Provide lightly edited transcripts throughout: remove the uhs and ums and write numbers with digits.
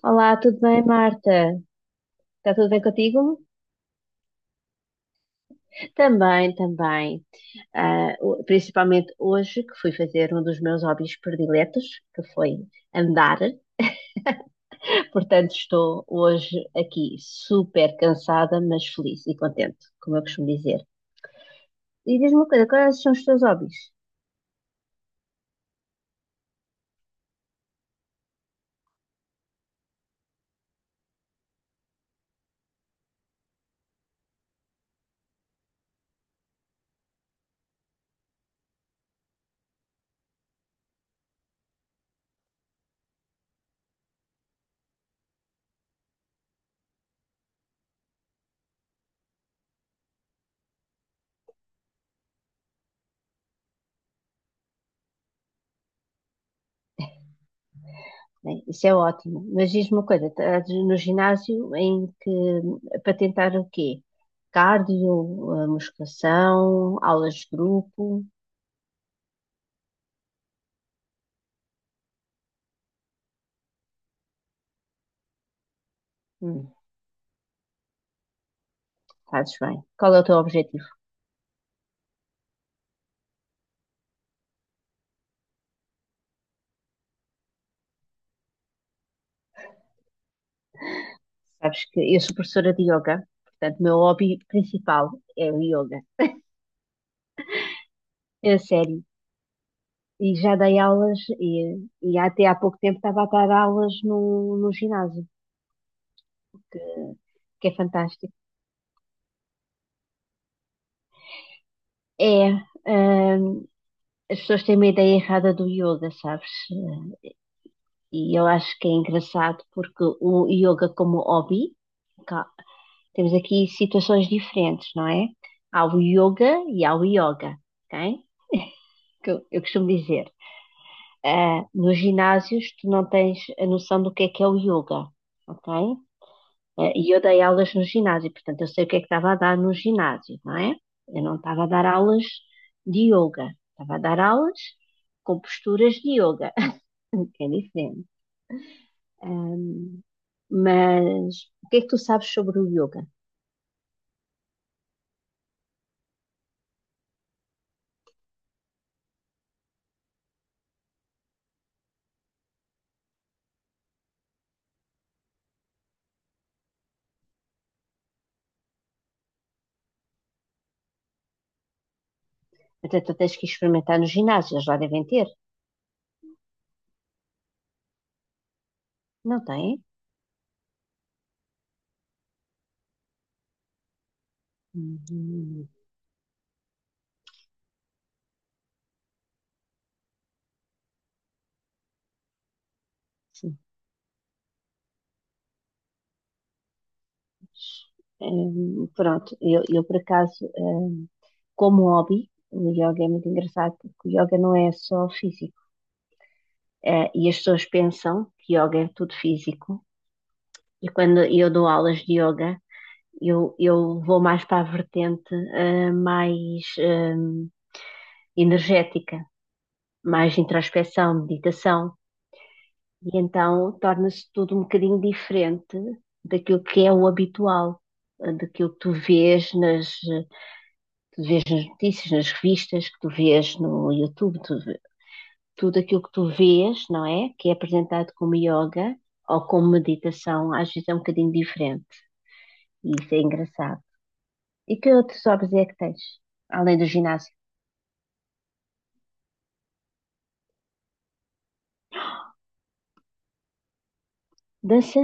Olá, tudo bem, Marta? Está tudo bem contigo? Também, também. Principalmente hoje, que fui fazer um dos meus hobbies prediletos, que foi andar. Portanto, estou hoje aqui super cansada, mas feliz e contente, como eu costumo dizer. E diz-me uma coisa, quais são os teus hobbies? Bem, isso é ótimo, mas diz-me uma coisa, estás no ginásio em que, para tentar o quê? Cardio, musculação, aulas de grupo? Hum. Fazes bem. Qual é o teu objetivo? Sabes que eu sou professora de yoga, portanto, o meu hobby principal é o yoga. É sério. E já dei aulas, e até há pouco tempo estava a dar aulas no ginásio, que, que é fantástico. É, hum, as pessoas têm uma ideia errada do yoga, sabes? E eu acho que é engraçado porque o yoga como hobby, cá, temos aqui situações diferentes, não é? Há o yoga e há o yoga, ok? Que eu costumo dizer, nos ginásios tu não tens a noção do que é o yoga, ok? E eu dei aulas no ginásio, portanto eu sei o que é que estava a dar no ginásio, não é? Eu não estava a dar aulas de yoga, estava a dar aulas com posturas de yoga, que é diferente. Ahm, mas o que é que tu sabes sobre o yoga? Até tu tens que experimentar no ginásio, eles lá devem ter. Não têm? Uhum. Pronto, eu por acaso, como hobby, o yoga é muito engraçado porque o yoga não é só físico. E as pessoas pensam que yoga é tudo físico. E quando eu dou aulas de yoga, eu vou mais para a vertente, mais, energética, mais introspeção, meditação. E então torna-se tudo um bocadinho diferente daquilo que é o habitual, daquilo que tu vês nas. Tu vês nas notícias, nas revistas, que tu vês no YouTube, tu, tudo aquilo que tu vês, não é? Que é apresentado como yoga ou como meditação, às vezes é um bocadinho diferente. E isso é engraçado. E que outros hobbies é que tens? Além do ginásio? Dança?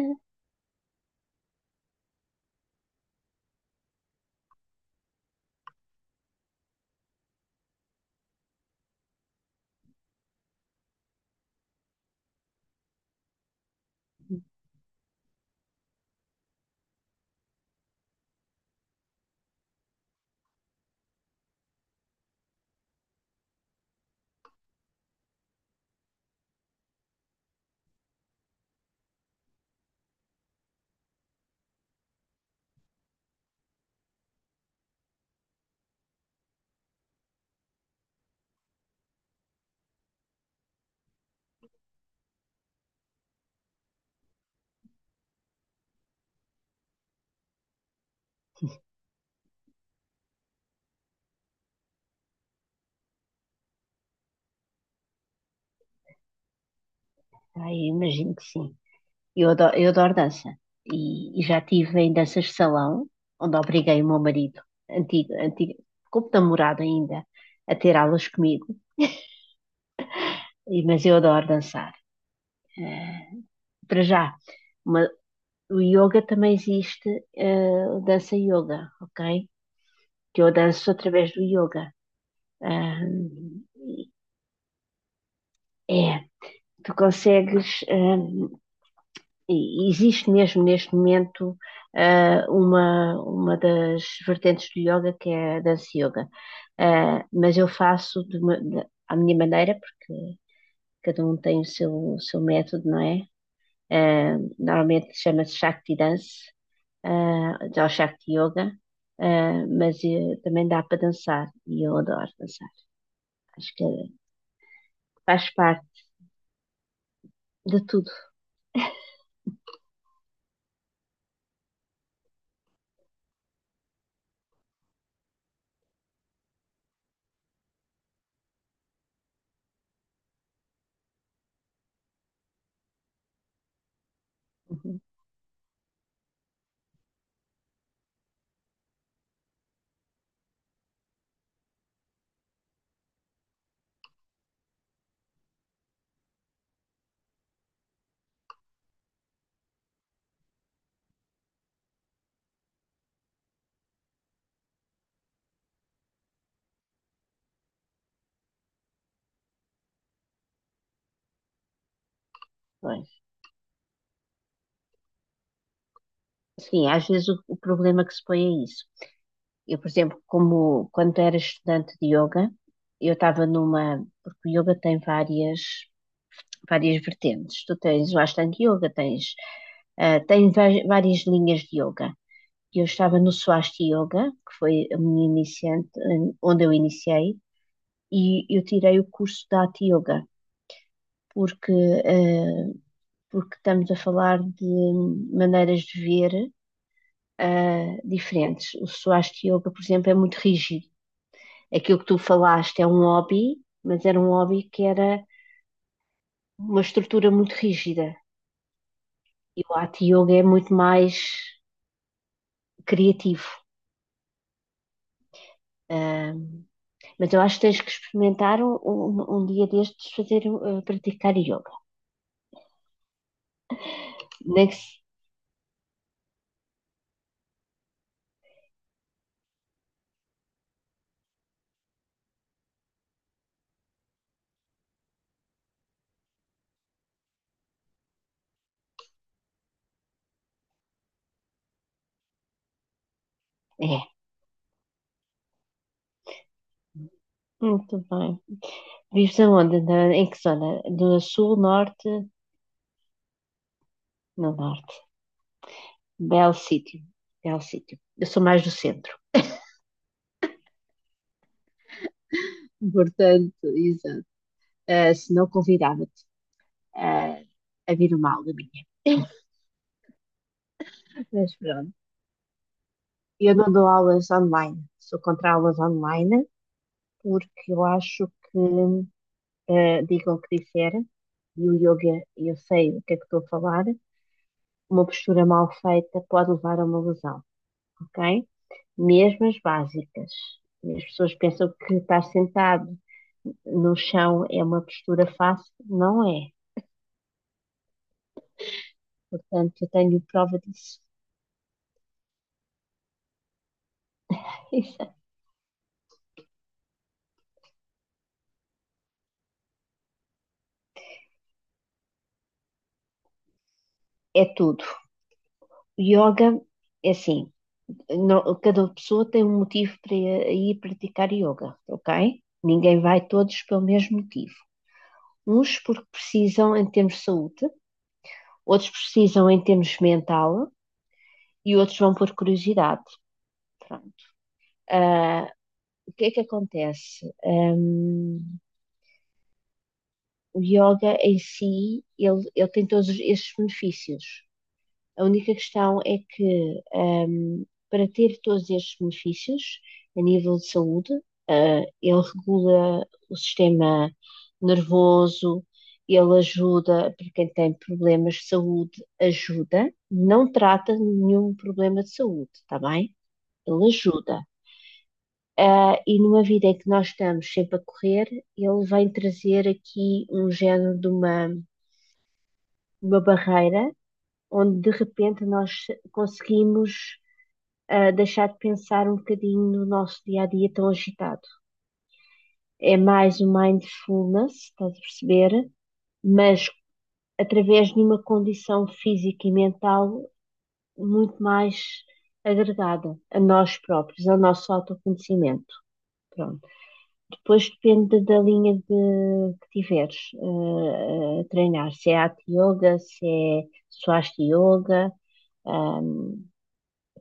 Ai, imagino que sim. Eu adoro dança. E já estive em danças de salão, onde obriguei o meu marido, antigo, antigo, como namorado ainda, a ter aulas comigo. E, mas eu adoro dançar. Eh, Para já, uma- o yoga também existe, dança yoga, ok? Que eu danço através do yoga. Ahm, é, tu consegues, e existe mesmo neste momento uma das vertentes do yoga que é a dança yoga. Ah, mas eu faço de à minha maneira, porque cada um tem o seu método, não é? Ah, normalmente chama-se Shakti Dance. Ah, ao Shakti Yoga, também dá para dançar e eu adoro dançar. Acho que faz parte de tudo. Uhum. Pois. Sim, às vezes o problema que se põe é isso. Eu, por exemplo, como quando era estudante de yoga, porque o yoga tem várias várias vertentes. Tu tens o Ashtanga Yoga, tens, várias linhas de yoga. Eu estava no Swasti Yoga, que foi a minha iniciante, onde eu iniciei, e eu tirei o curso da Hatha Yoga, porque, eh, porque estamos a falar de maneiras de ver diferentes. O Swasti Yoga, por exemplo, é muito rígido. Aquilo que tu falaste é um hobby, mas era um hobby que era uma estrutura muito rígida. E o Hatha Yoga é muito mais criativo. Ahm, mas eu acho que tens que experimentar um dia destes fazer praticar yoga. Nem que se- É, muito bem. Vives aonde? Em que zona? Do sul, norte? No norte. Belo sítio. Belo sítio. Eu sou mais do centro. Portanto, exato. Eh, se não convidava-te eh, a vir uma aula minha. Mas pronto. Eu não dou aulas online. Sou contra aulas online porque eu acho que diga o que disser, e o yoga, eu sei o que é que estou a falar, uma postura mal feita pode levar a uma lesão, ok? Mesmo as básicas. E as pessoas pensam que estar sentado no chão é uma postura fácil, não é. Portanto, eu tenho prova disso. É tudo. Yoga é assim, cada pessoa tem um motivo para ir praticar yoga, ok? Ninguém vai todos pelo mesmo motivo. Uns porque precisam em termos de saúde, outros precisam em termos mental e outros vão por curiosidade. Pronto. Ah, o que é que acontece? O yoga em si, ele tem todos estes benefícios. A única questão é que, para ter todos estes benefícios a nível de saúde, ah, ele regula o sistema nervoso, ele ajuda para quem tem problemas de saúde, ajuda, não trata nenhum problema de saúde, está bem? Ele ajuda. Ah, e numa vida em que nós estamos sempre a correr, ele vem trazer aqui um género de uma barreira onde de repente nós conseguimos a deixar de pensar um bocadinho no nosso dia a dia tão agitado. É mais o mindfulness, estás a perceber? Mas através de uma condição física e mental muito mais agregada a nós próprios, ao nosso autoconhecimento. Pronto. Depois depende que tiveres a treinar, se é Hatha Yoga, se é Swastika Yoga, ahm,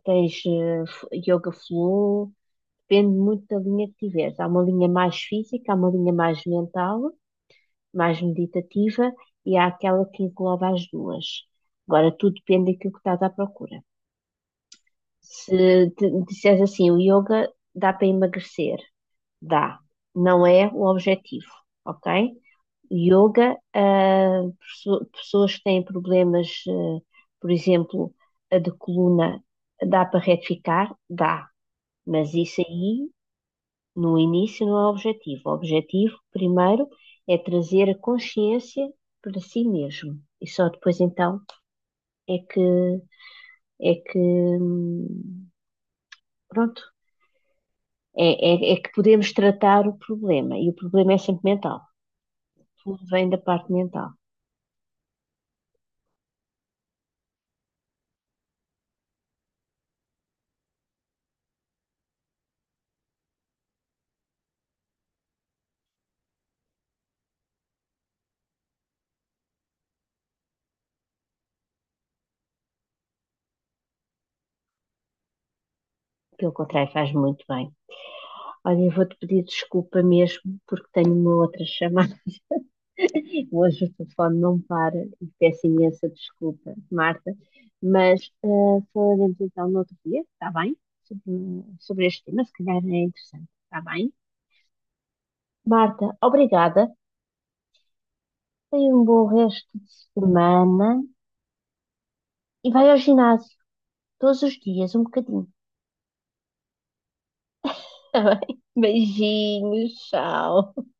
tens Yoga Flow, depende muito da linha que tiveres. Há uma linha mais física, há uma linha mais mental, mais meditativa e há aquela que engloba as duas. Agora, tudo depende daquilo que estás à procura. Se te- Disseres assim, o yoga dá para emagrecer, dá. Não é o objetivo, ok? Yoga, pessoas que têm problemas, por exemplo, a de coluna, dá para retificar? Dá. Mas isso aí no início não é objetivo. O objetivo, primeiro, é trazer a consciência para si mesmo. E só depois então é que é que pronto, é, é, é que podemos tratar o problema. E o problema é sempre mental. Tudo vem da parte mental. Pelo contrário, faz muito bem. Olha, eu vou-te pedir desculpa mesmo, porque tenho uma outra chamada. Hoje o telefone não para e peço imensa desculpa, Marta, mas falaremos então no outro dia, está bem? Sobre este tema, se calhar é interessante, está bem? Marta, obrigada. Tenha um bom resto de semana e vai ao ginásio todos os dias, um bocadinho. Está bem? Beijinhos, tchau. Tchau.